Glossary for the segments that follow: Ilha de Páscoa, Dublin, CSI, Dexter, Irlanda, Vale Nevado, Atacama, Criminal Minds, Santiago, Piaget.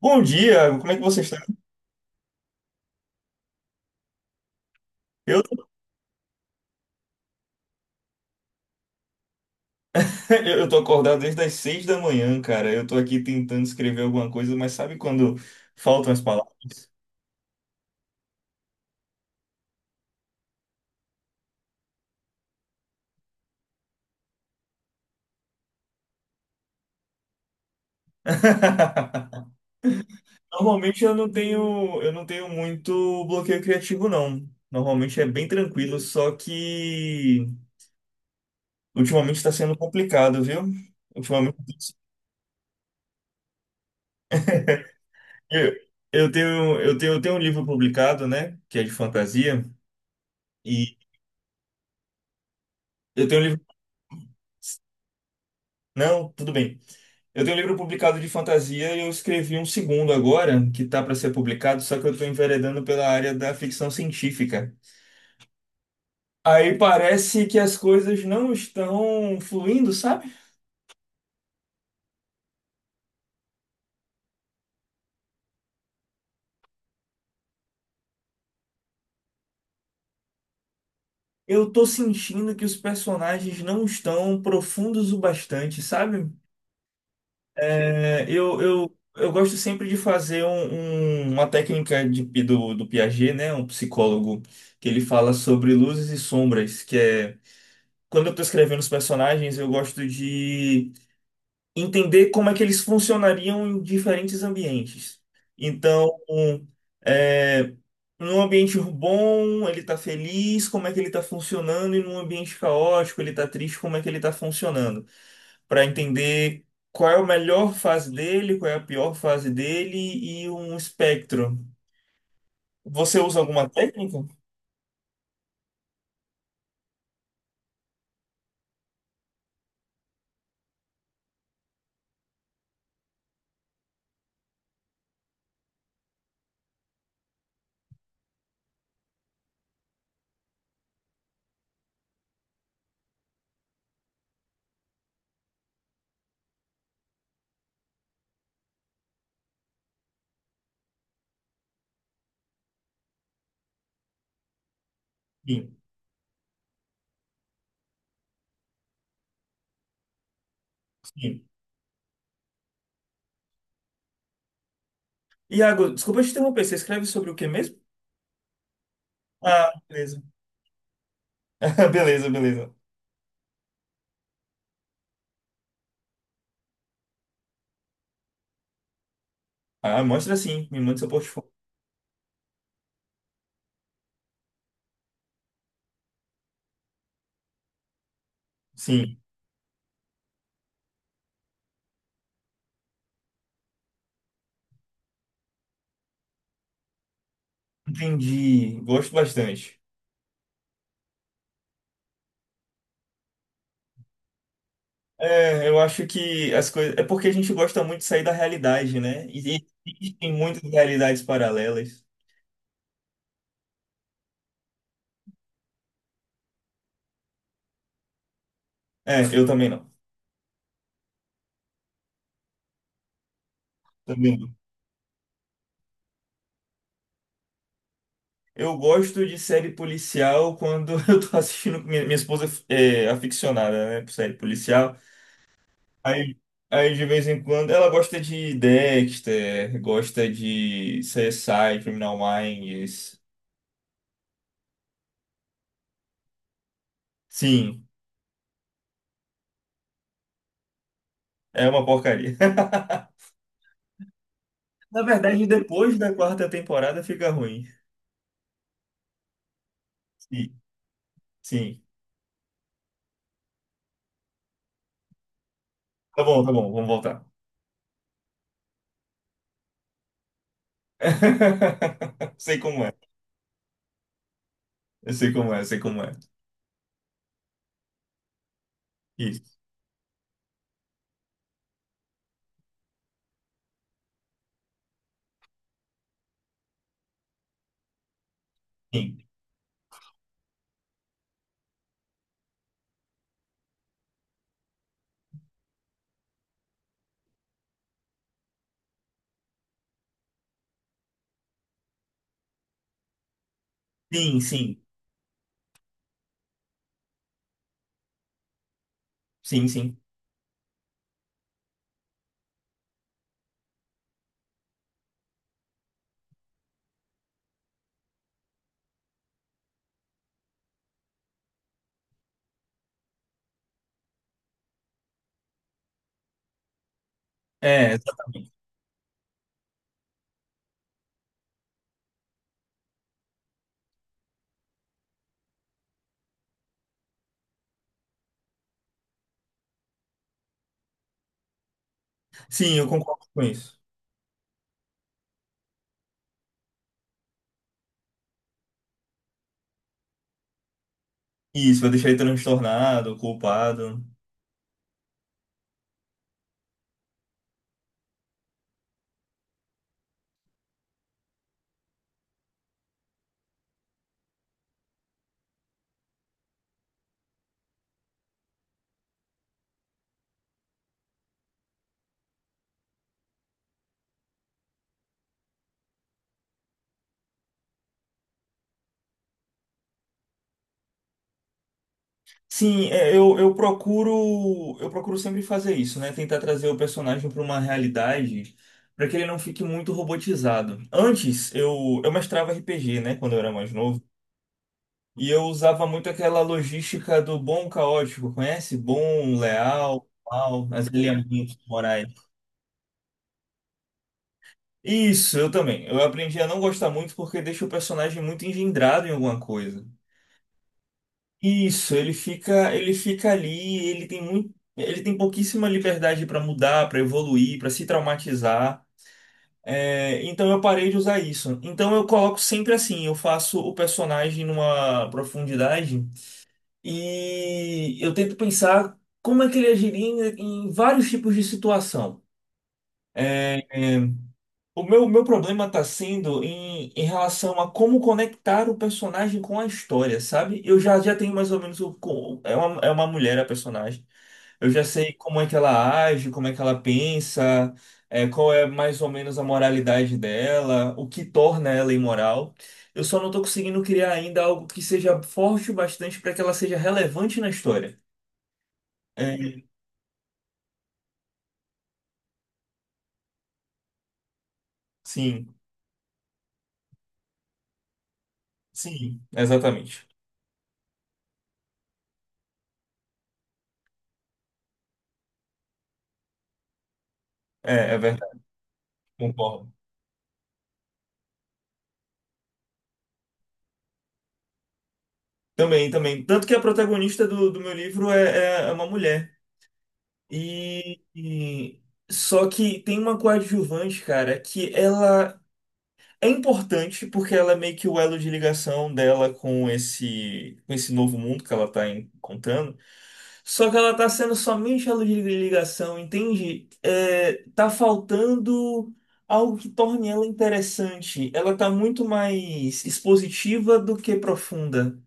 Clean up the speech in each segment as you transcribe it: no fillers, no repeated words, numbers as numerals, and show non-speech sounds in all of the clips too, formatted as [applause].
Bom dia, como é que você está? Eu, tô- [laughs] eu tô acordado desde as seis da manhã, cara. Eu tô aqui tentando escrever alguma coisa, mas sabe quando faltam as palavras? [laughs] Normalmente eu não tenho muito bloqueio criativo, não. Normalmente é bem tranquilo, só que ultimamente está sendo complicado, viu? Ultimamente eu, eu tenho um livro publicado, né? Que é de fantasia, e eu tenho um livro. Não, tudo bem. Eu tenho um livro publicado de fantasia e eu escrevi um segundo agora, que tá para ser publicado, só que eu estou enveredando pela área da ficção científica. Aí parece que as coisas não estão fluindo, sabe? Eu tô sentindo que os personagens não estão profundos o bastante, sabe? É, eu gosto sempre de fazer uma técnica do Piaget, né? Um psicólogo, que ele fala sobre luzes e sombras, que é. Quando eu tô escrevendo os personagens, eu gosto de entender como é que eles funcionariam em diferentes ambientes. Então, é, num ambiente bom, ele está feliz, como é que ele está funcionando, e num ambiente caótico, ele está triste, como é que ele está funcionando, para entender qual é a melhor fase dele, qual é a pior fase dele e um espectro. Você usa alguma técnica? Sim, sim. Iago, desculpa te interromper, você escreve sobre o que mesmo? Ah, beleza. [laughs] Beleza, beleza. Ah, mostra sim, me manda seu portfólio. Sim. Entendi, gosto bastante. É, eu acho que as coisas. É porque a gente gosta muito de sair da realidade, né? E existem muitas realidades paralelas. É, eu também não. Também não. Eu gosto de série policial quando [laughs] eu tô assistindo. Minha esposa é aficionada, né, por série policial. Aí, aí de vez em quando. Ela gosta de Dexter, gosta de CSI, Criminal Minds. Sim, é uma porcaria. [laughs] Na verdade, depois da quarta temporada fica ruim. Sim, sim. Tá bom, vamos voltar. [laughs] Sei como é, eu sei como é, eu sei como é. Isso. Sim, sim, sim, sim, sim. É, exatamente. Sim, eu concordo com isso. Isso, vai deixar ele transtornado, culpado. Sim, é, eu procuro sempre fazer isso, né? Tentar trazer o personagem para uma realidade para que ele não fique muito robotizado. Antes, eu mestrava RPG, né? Quando eu era mais novo. E eu usava muito aquela logística do bom caótico, conhece? Bom, leal, mal, as alinhamentos morais. Isso, eu também. Eu aprendi a não gostar muito porque deixa o personagem muito engendrado em alguma coisa. Isso, ele fica ali, ele tem muito, ele tem pouquíssima liberdade para mudar, para evoluir, para se traumatizar. É, então eu parei de usar isso. Então eu coloco sempre assim, eu faço o personagem numa profundidade. E eu tento pensar como é que ele agiria em vários tipos de situação. É, é, o meu problema está sendo em relação a como conectar o personagem com a história, sabe? Já tenho mais ou menos é uma mulher a personagem. Eu já sei como é que ela age, como é que ela pensa, é, qual é mais ou menos a moralidade dela, o que torna ela imoral. Eu só não estou conseguindo criar ainda algo que seja forte o bastante para que ela seja relevante na história. É, sim, sim, exatamente. É, é verdade, concordo. Também, também. Tanto que a protagonista do meu livro é uma mulher. E, e- só que tem uma coadjuvante, cara, que ela é importante porque ela é meio que o elo de ligação dela com esse novo mundo que ela tá encontrando. Só que ela tá sendo somente a luz de ligação, entende? É, tá faltando algo que torne ela interessante. Ela tá muito mais expositiva do que profunda.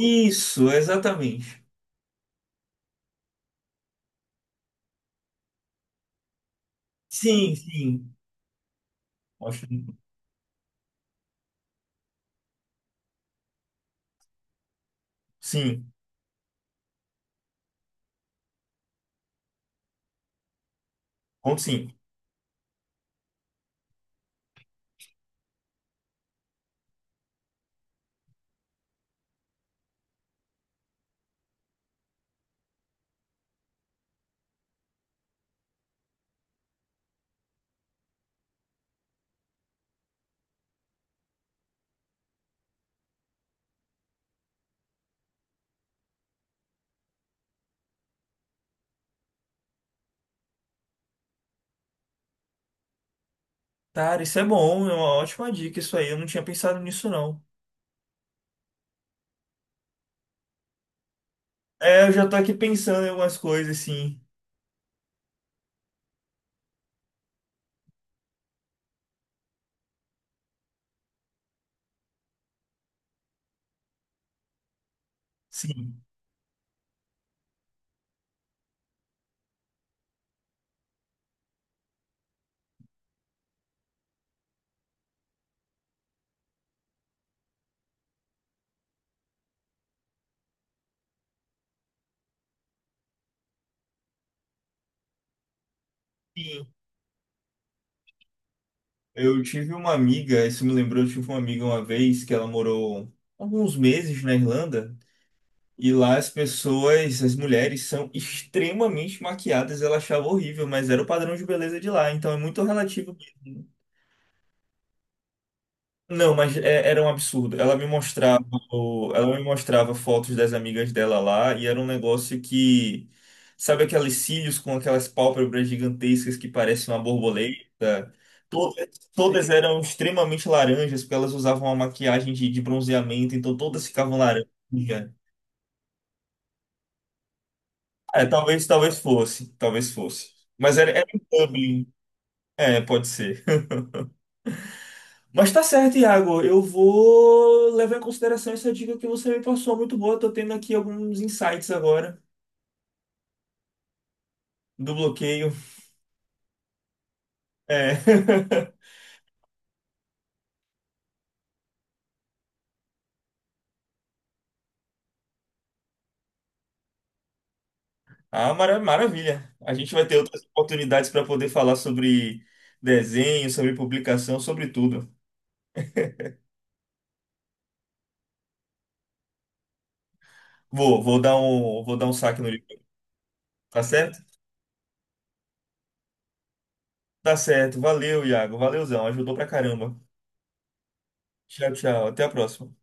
Isso, exatamente. Sim, sim. Ótimo. Sim, ponto sim. Cara, isso é bom, é uma ótima dica isso aí. Eu não tinha pensado nisso, não. É, eu já tô aqui pensando em algumas coisas, sim. Sim. Sim. Eu tive uma amiga, isso me lembrou, eu tive uma amiga uma vez que ela morou alguns meses na Irlanda e lá as pessoas, as mulheres são extremamente maquiadas, ela achava horrível, mas era o padrão de beleza de lá, então é muito relativo. Não, mas era um absurdo. Ela me mostrava, ela me mostrava fotos das amigas dela lá e era um negócio que, sabe aqueles cílios com aquelas pálpebras gigantescas que parecem uma borboleta? Todas, todas eram extremamente laranjas porque elas usavam uma maquiagem de bronzeamento, então todas ficavam laranja. É, talvez, talvez fosse, talvez fosse. Mas era, era um Dublin. É, pode ser. Mas tá certo, Iago. Eu vou levar em consideração essa dica que você me passou, muito boa. Tô tendo aqui alguns insights agora do bloqueio. É. [laughs] Ah, maravilha. A gente vai ter outras oportunidades para poder falar sobre desenho, sobre publicação, sobre tudo. Vou, vou dar um saque no livro, tá certo? Tá certo. Valeu, Iago. Valeuzão. Ajudou pra caramba. Tchau, tchau. Até a próxima.